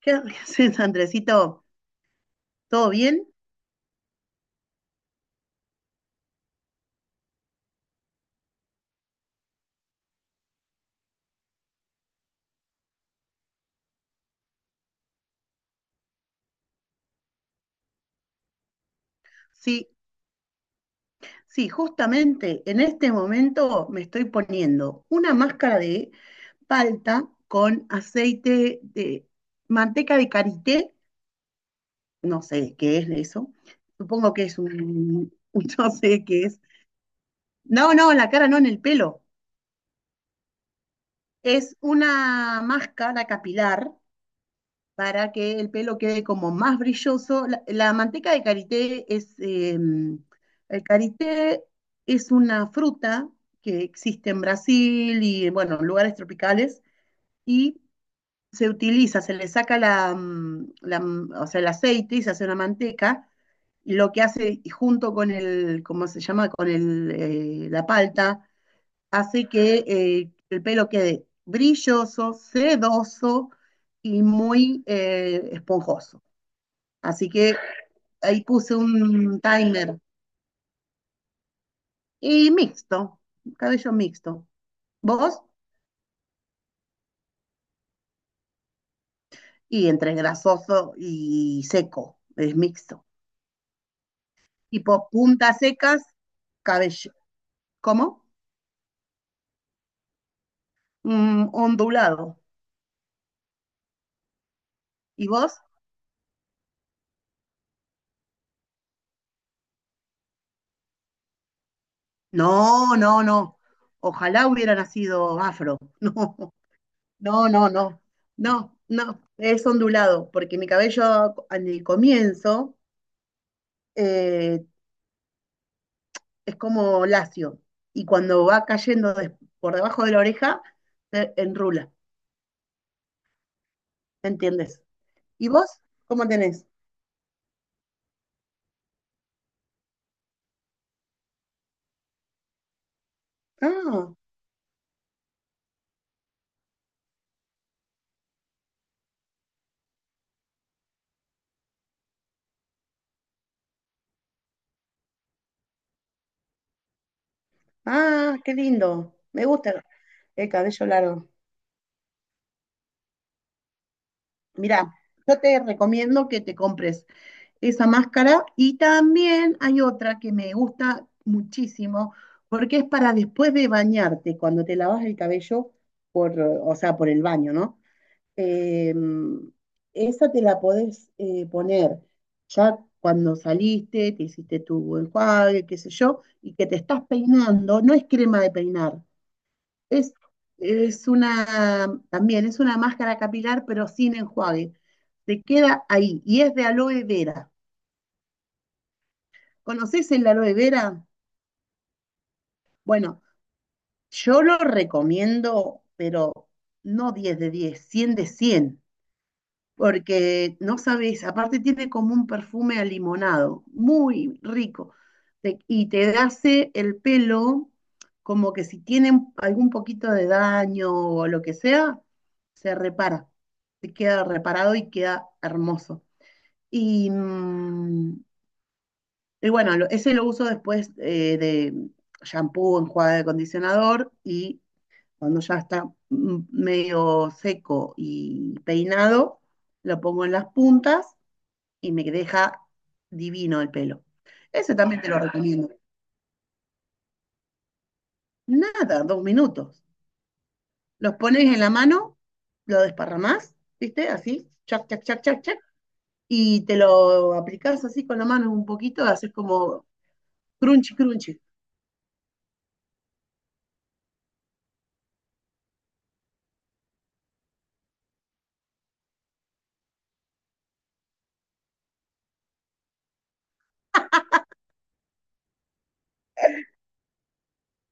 ¿Qué haces, Andresito? ¿Todo bien? Sí, sí, justamente en este momento me estoy poniendo una máscara de palta con aceite de manteca de karité, no sé qué es eso, supongo que es un no sé qué es. No, no, en la cara no, en el pelo. Es una máscara capilar para que el pelo quede como más brilloso. La manteca de karité es, el karité es una fruta que existe en Brasil y, bueno, en lugares tropicales, y se utiliza, se le saca la, la, o sea, el aceite y se hace una manteca, y lo que hace junto con el, ¿cómo se llama?, con el, la palta. Así que el pelo quede brilloso, sedoso y muy esponjoso. Así que ahí puse un timer y mixto, cabello mixto. ¿Vos? Y entre grasoso y seco, es mixto. Tipo puntas secas, cabello. ¿Cómo? Ondulado. ¿Y vos? No, no, no. Ojalá hubiera nacido afro. No. No, no, no, no, no, es ondulado, porque mi cabello en el comienzo eh, es como lacio y cuando va cayendo por debajo de la oreja, se enrula, ¿me entiendes? ¿Y vos cómo tenés? Ah, ah, qué lindo, me gusta el cabello largo. Mirá, yo te recomiendo que te compres esa máscara. Y también hay otra que me gusta muchísimo, porque es para después de bañarte, cuando te lavas el cabello, por, o sea, por el baño, ¿no? Eh, esa te la podés poner ya cuando saliste, te hiciste tu enjuague, qué sé yo, y que te estás peinando, no es crema de peinar, es, es una, también es una máscara capilar, pero sin enjuague. Te queda ahí, y es de aloe vera. ¿Conoces el aloe vera? Bueno, yo lo recomiendo, pero no 10 de 10, 100 de 100, porque no sabes, aparte tiene como un perfume a limonado, muy rico, y te hace el pelo como que si tiene algún poquito de daño o lo que sea, se repara, se queda reparado y queda hermoso. Y mm. Y bueno, ese lo uso después de shampoo, enjuague de acondicionador y cuando ya está medio seco y peinado, lo pongo en las puntas y me deja divino el pelo. Ese también te lo recomiendo. Nada, dos minutos. Los pones en la mano, lo desparramás, ¿viste? Así, chac, chac, chac, chac, chac. Y te lo aplicás así con la mano un poquito, haces como crunchy, crunchy.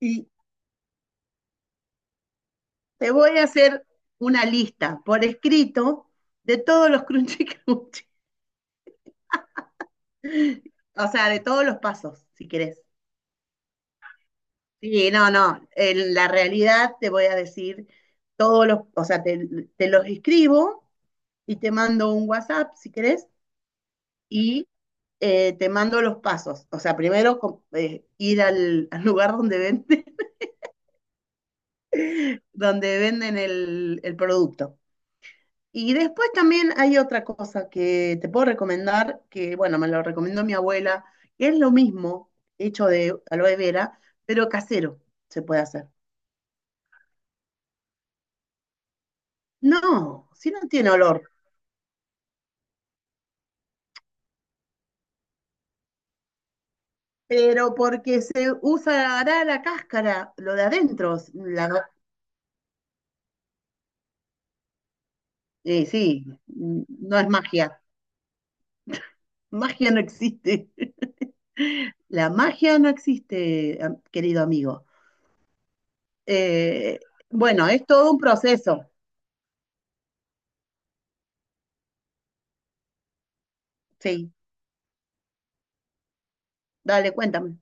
Y, te voy a hacer una lista por escrito de todos los crunchy crunchy, o sea, de todos los pasos, si querés. Sí, no, no, en la realidad te voy a decir todos los, o sea, te los escribo y te mando un WhatsApp, si querés, y te mando los pasos. O sea, primero ir al, al lugar donde, vende, donde venden el producto. Y después también hay otra cosa que te puedo recomendar, que bueno, me lo recomendó mi abuela, que es lo mismo, hecho de aloe vera, pero casero se puede hacer. No, si no tiene olor, pero porque se usará la cáscara, lo de adentro. No, sí, no es magia. Magia no existe. La magia no existe, querido amigo. Eh, bueno, es todo un proceso. Sí, dale, cuéntame.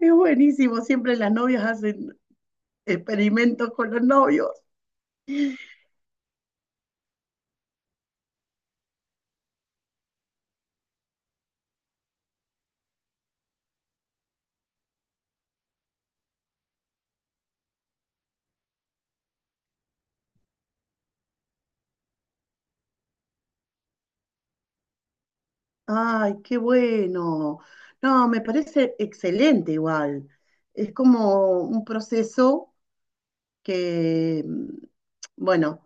Es buenísimo, siempre las novias hacen experimentos con los novios. Ay, qué bueno. No, me parece excelente igual. Es como un proceso que, bueno,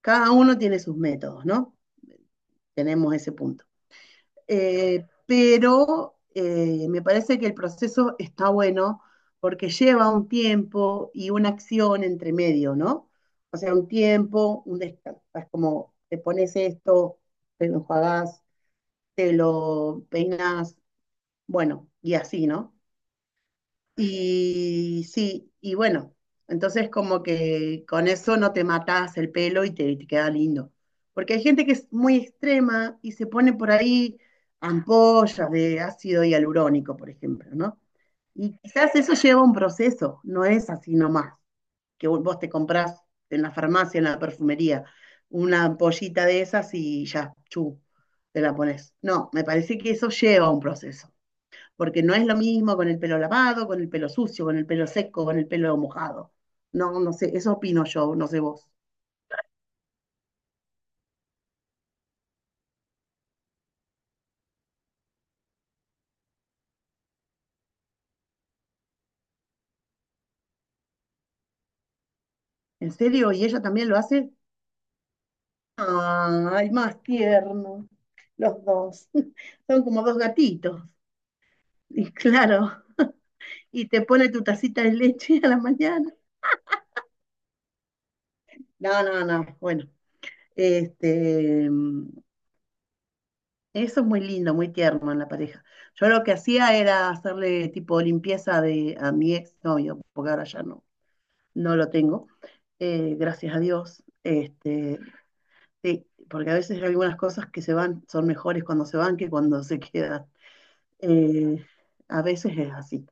cada uno tiene sus métodos, ¿no? Tenemos ese punto. Pero me parece que el proceso está bueno porque lleva un tiempo y una acción entre medio, ¿no? O sea, un tiempo, un descanso, es como te pones esto, te lo enjuagás, te lo peinas, bueno, y así, ¿no? Y sí, y bueno, entonces como que con eso no te matás el pelo y te queda lindo. Porque hay gente que es muy extrema y se pone por ahí ampollas de ácido hialurónico, por ejemplo, ¿no? Y quizás eso lleva un proceso, no es así nomás, que vos te comprás en la farmacia, en la perfumería, una ampollita de esas y ya, chu, te la pones. No, me parece que eso lleva un proceso porque no es lo mismo con el pelo lavado, con el pelo sucio, con el pelo seco, con el pelo mojado. No, no sé, eso opino yo, no sé vos. ¿En serio? ¿Y ella también lo hace? Ay, más tierno. Los dos. Son como dos gatitos. Y claro, y te pone tu tacita de leche a la mañana. No, no, no. Bueno, este, eso es muy lindo, muy tierno en la pareja. Yo lo que hacía era hacerle tipo limpieza de, a mi ex novio, porque ahora ya no. no lo tengo, gracias a Dios. Este, sí, porque a veces hay algunas cosas que se van son mejores cuando se van que cuando se quedan. Eh, a veces es así.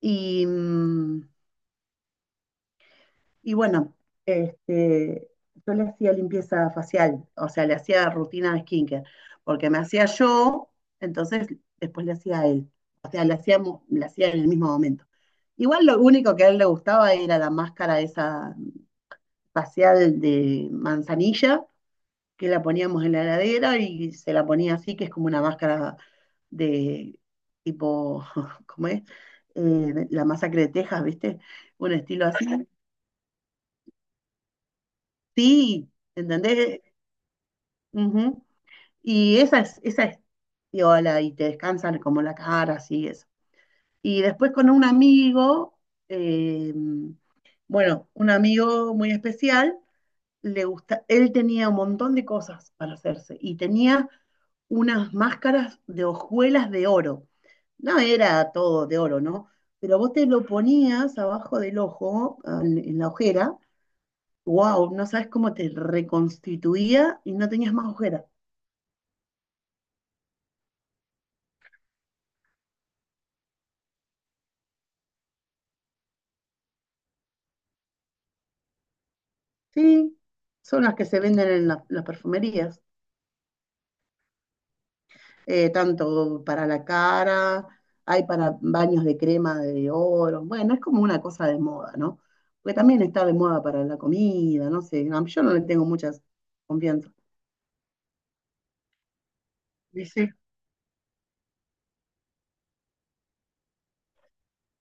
Y, y bueno, este, yo le hacía limpieza facial, o sea, le hacía rutina de skincare, porque me hacía yo, entonces después le hacía a él. O sea, le hacíamos, le hacía en el mismo momento. Igual lo único que a él le gustaba era la máscara esa facial de manzanilla, que la poníamos en la heladera y se la ponía así, que es como una máscara de tipo, ¿cómo es? La masacre de Texas, ¿viste? Un estilo así. Sí, ¿entendés? Ujú. Y esa es piola y te descansan como la cara, así eso. Y después con un amigo, eh, bueno, un amigo muy especial, le gusta, él tenía un montón de cosas para hacerse y tenía unas máscaras de hojuelas de oro. No era todo de oro, ¿no? Pero vos te lo ponías abajo del ojo, en, la ojera, wow, no sabes cómo te reconstituía y no tenías más ojera. Sí, son las que se venden en la- las perfumerías. Tanto para la cara, hay para baños de crema de oro, bueno, es como una cosa de moda, ¿no? Porque también está de moda para la comida, no sé, yo no le tengo muchas confianza. Dice,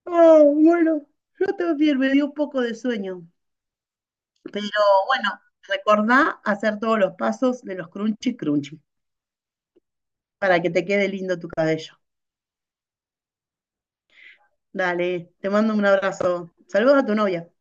oh, bueno, yo también me dio un poco de sueño, pero bueno, recordá hacer todos los pasos de los crunchy crunchy para que te quede lindo tu cabello. Dale, te mando un abrazo. Saludos a tu novia.